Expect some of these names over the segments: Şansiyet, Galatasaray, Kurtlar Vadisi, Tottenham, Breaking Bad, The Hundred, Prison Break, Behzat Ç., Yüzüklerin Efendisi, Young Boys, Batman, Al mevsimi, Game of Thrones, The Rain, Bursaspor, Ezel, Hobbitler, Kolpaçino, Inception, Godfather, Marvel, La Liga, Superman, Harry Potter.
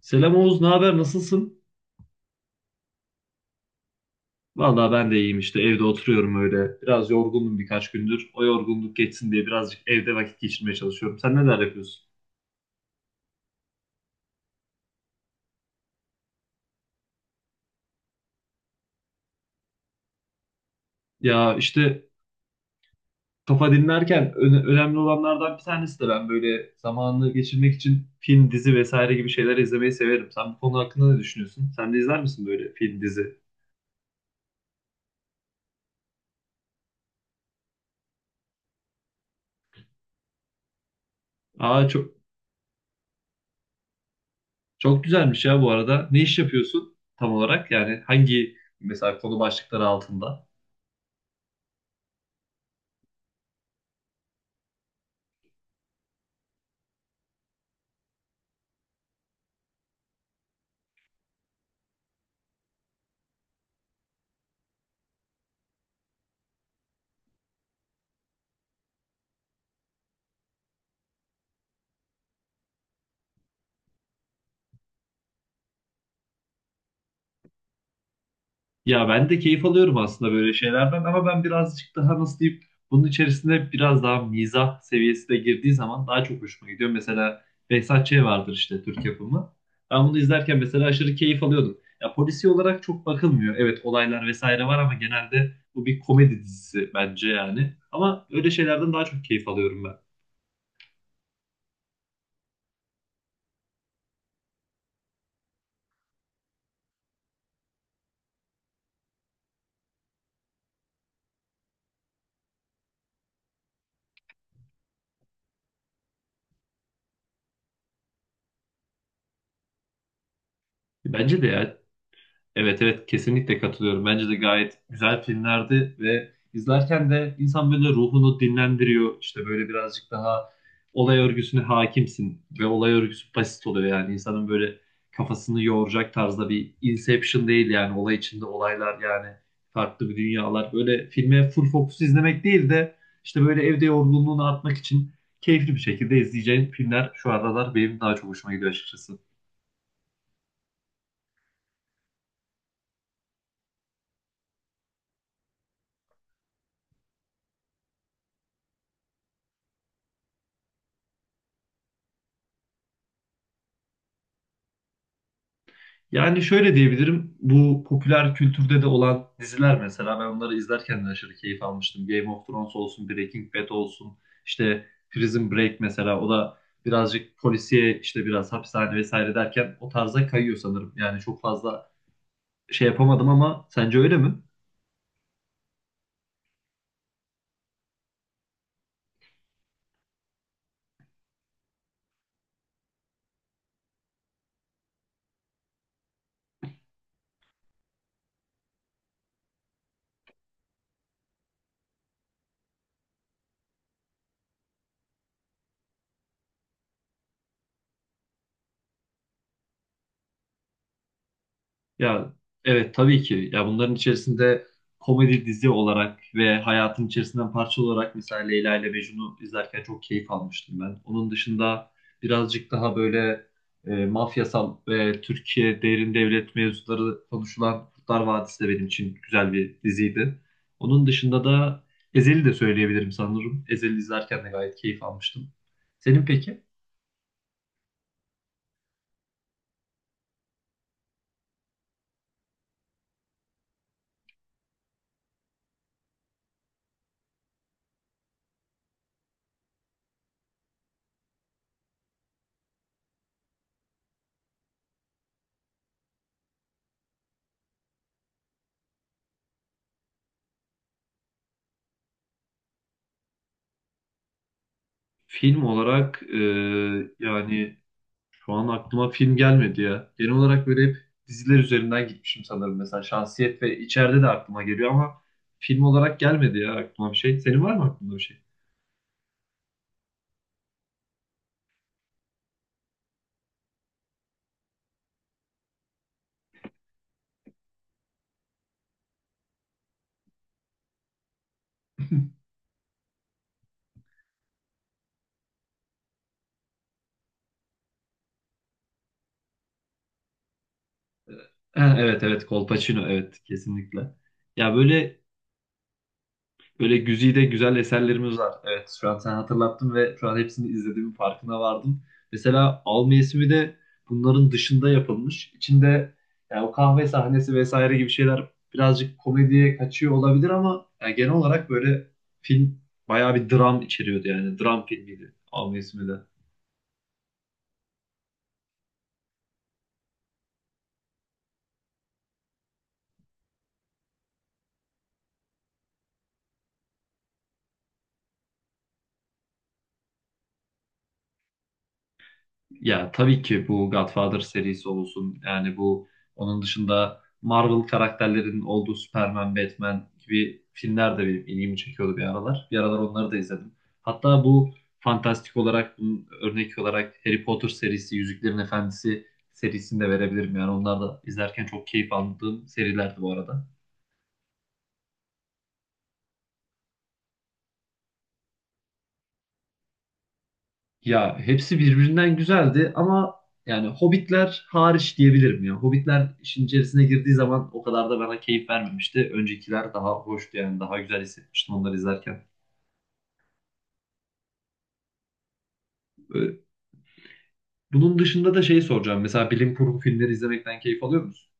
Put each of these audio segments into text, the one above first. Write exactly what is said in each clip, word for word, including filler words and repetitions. Selam Oğuz, ne haber? Nasılsın? Vallahi ben de iyiyim işte evde oturuyorum öyle. Biraz yorgundum birkaç gündür. O yorgunluk geçsin diye birazcık evde vakit geçirmeye çalışıyorum. Sen neler yapıyorsun? Ya işte kafa dinlerken öne- önemli olanlardan bir tanesi de ben böyle zamanını geçirmek için film, dizi vesaire gibi şeyler izlemeyi severim. Sen bu konu hakkında ne düşünüyorsun? Sen de izler misin böyle film, dizi? Aa çok çok güzelmiş ya bu arada. Ne iş yapıyorsun tam olarak? Yani hangi mesela konu başlıkları altında? Ya ben de keyif alıyorum aslında böyle şeylerden ama ben birazcık daha nasıl diyeyim bunun içerisinde biraz daha mizah seviyesi de girdiği zaman daha çok hoşuma gidiyor. Mesela Behzat Ç. vardır işte Türk yapımı. Ben bunu izlerken mesela aşırı keyif alıyordum. Ya polisi olarak çok bakılmıyor. Evet olaylar vesaire var ama genelde bu bir komedi dizisi bence yani. Ama öyle şeylerden daha çok keyif alıyorum ben. Bence de ya, evet, evet, kesinlikle katılıyorum. Bence de gayet güzel filmlerdi ve izlerken de insan böyle ruhunu dinlendiriyor. İşte böyle birazcık daha olay örgüsüne hakimsin ve olay örgüsü basit oluyor yani insanın böyle kafasını yoğuracak tarzda bir Inception değil yani olay içinde olaylar yani farklı bir dünyalar. Böyle filme full fokus izlemek değil de işte böyle evde yorgunluğunu atmak için keyifli bir şekilde izleyeceğin filmler şu aralar benim daha çok hoşuma gidiyor açıkçası. Yani şöyle diyebilirim. Bu popüler kültürde de olan diziler mesela ben onları izlerken de aşırı keyif almıştım. Game of Thrones olsun, Breaking Bad olsun, işte Prison Break mesela o da birazcık polisiye işte biraz hapishane vesaire derken o tarza kayıyor sanırım. Yani çok fazla şey yapamadım ama sence öyle mi? Ya evet tabii ki. Ya bunların içerisinde komedi dizi olarak ve hayatın içerisinden parça olarak mesela Leyla ile Mecnun'u izlerken çok keyif almıştım ben. Onun dışında birazcık daha böyle e, mafyasal ve Türkiye derin devlet mevzuları konuşulan Kurtlar Vadisi de benim için güzel bir diziydi. Onun dışında da Ezel'i de söyleyebilirim sanırım. Ezel'i izlerken de gayet keyif almıştım. Senin peki? Film olarak e, yani şu an aklıma film gelmedi ya. Genel olarak böyle hep diziler üzerinden gitmişim sanırım. Mesela Şansiyet ve içeride de aklıma geliyor ama film olarak gelmedi ya aklıma bir şey. Senin var mı aklında bir şey? Ha, evet, evet, Kolpaçino, evet, kesinlikle. Ya böyle Böyle güzide güzel eserlerimiz var. Evet, şu an sen hatırlattın ve şu an hepsini izlediğimin farkına vardım. Mesela Al mevsimi de bunların dışında yapılmış. İçinde yani o kahve sahnesi vesaire gibi şeyler birazcık komediye kaçıyor olabilir ama yani genel olarak böyle film bayağı bir dram içeriyordu yani. Dram filmiydi Al mevsimi de. Ya tabii ki bu Godfather serisi olsun. Yani bu onun dışında Marvel karakterlerinin olduğu Superman, Batman gibi filmler de benim ilgimi çekiyordu bir aralar. Bir aralar onları da izledim. Hatta bu fantastik olarak, bunun örnek olarak Harry Potter serisi, Yüzüklerin Efendisi serisini de verebilirim. Yani onlar da izlerken çok keyif aldığım serilerdi bu arada. Ya hepsi birbirinden güzeldi ama yani Hobbitler hariç diyebilirim ya. Hobbitler işin içerisine girdiği zaman o kadar da bana keyif vermemişti. Öncekiler daha hoştu yani daha güzel hissetmiştim onları izlerken. Ee, Bunun dışında da şeyi soracağım. Mesela bilim kurgu filmleri izlemekten keyif alıyor musun?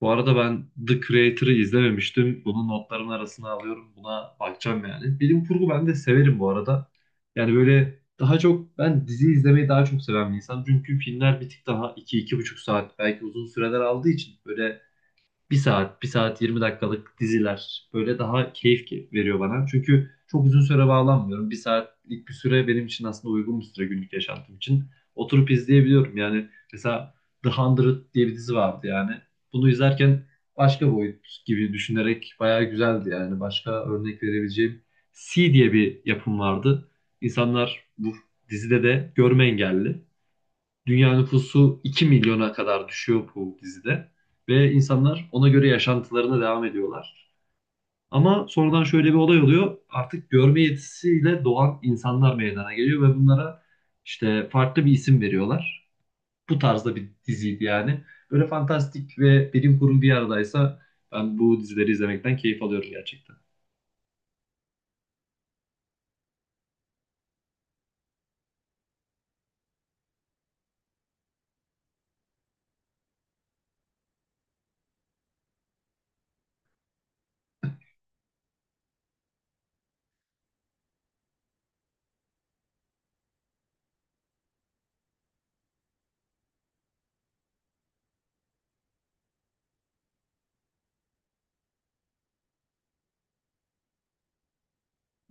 Bu arada ben The Creator'ı izlememiştim. Bunu notların arasına alıyorum. Buna bakacağım yani. Bilim kurgu ben de severim bu arada. Yani böyle daha çok ben dizi izlemeyi daha çok seven bir insan. Çünkü filmler bir tık daha iki, iki buçuk saat belki uzun süreler aldığı için böyle bir saat, bir saat yirmi dakikalık diziler böyle daha keyif ge- veriyor bana. Çünkü çok uzun süre bağlanmıyorum. Bir saatlik bir süre benim için aslında uygun bir süre günlük yaşantım için. Oturup izleyebiliyorum. Yani mesela The Hundred diye bir dizi vardı yani. Bunu izlerken başka boyut gibi düşünerek bayağı güzeldi yani. Başka örnek verebileceğim C diye bir yapım vardı. İnsanlar bu dizide de görme engelli. Dünya nüfusu iki milyona kadar düşüyor bu dizide. Ve insanlar ona göre yaşantılarına devam ediyorlar. Ama sonradan şöyle bir olay oluyor. Artık görme yetisiyle doğan insanlar meydana geliyor ve bunlara işte farklı bir isim veriyorlar. Bu tarzda bir diziydi yani. Böyle fantastik ve bilim kurgu bir aradaysa ben bu dizileri izlemekten keyif alıyorum gerçekten.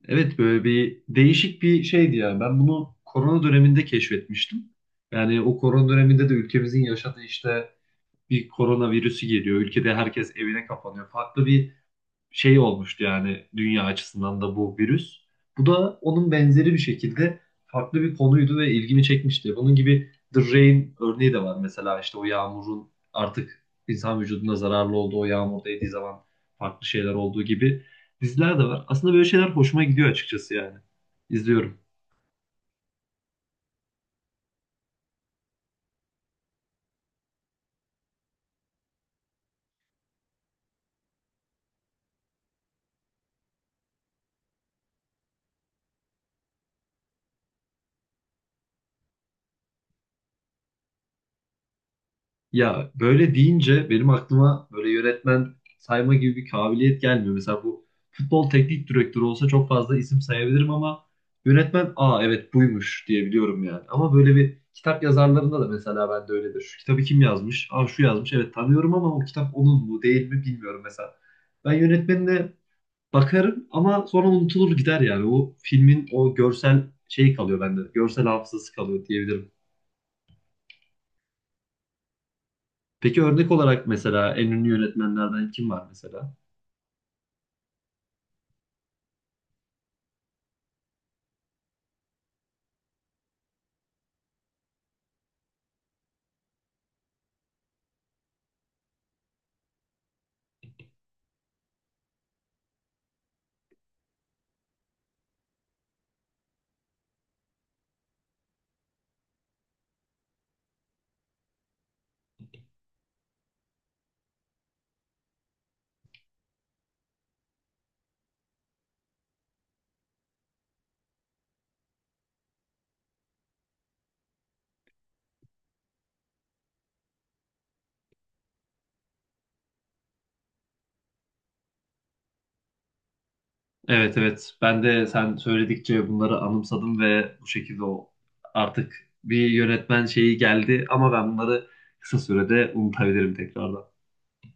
Evet böyle bir değişik bir şeydi yani. Ben bunu korona döneminde keşfetmiştim. Yani o korona döneminde de ülkemizin yaşadığı işte bir korona virüsü geliyor. Ülkede herkes evine kapanıyor. Farklı bir şey olmuştu yani dünya açısından da bu virüs. Bu da onun benzeri bir şekilde farklı bir konuydu ve ilgimi çekmişti. Bunun gibi The Rain örneği de var mesela işte o yağmurun artık insan vücuduna zararlı olduğu o yağmur değdiği zaman farklı şeyler olduğu gibi diziler de var. Aslında böyle şeyler hoşuma gidiyor açıkçası yani. İzliyorum. Ya böyle deyince benim aklıma böyle yönetmen sayma gibi bir kabiliyet gelmiyor. Mesela bu futbol teknik direktörü olsa çok fazla isim sayabilirim ama yönetmen aa evet buymuş diyebiliyorum yani. Ama böyle bir kitap yazarlarında da mesela ben de öyledir. Şu kitabı kim yazmış? Aa şu yazmış. Evet tanıyorum ama o kitap onun mu değil mi bilmiyorum mesela. Ben yönetmenine bakarım ama sonra unutulur gider yani. O filmin o görsel şeyi kalıyor bende. Görsel hafızası kalıyor diyebilirim. Peki örnek olarak mesela en ünlü yönetmenlerden kim var mesela? Evet, evet, ben de sen söyledikçe bunları anımsadım ve bu şekilde o artık bir yönetmen şeyi geldi ama ben bunları kısa sürede unutabilirim tekrardan.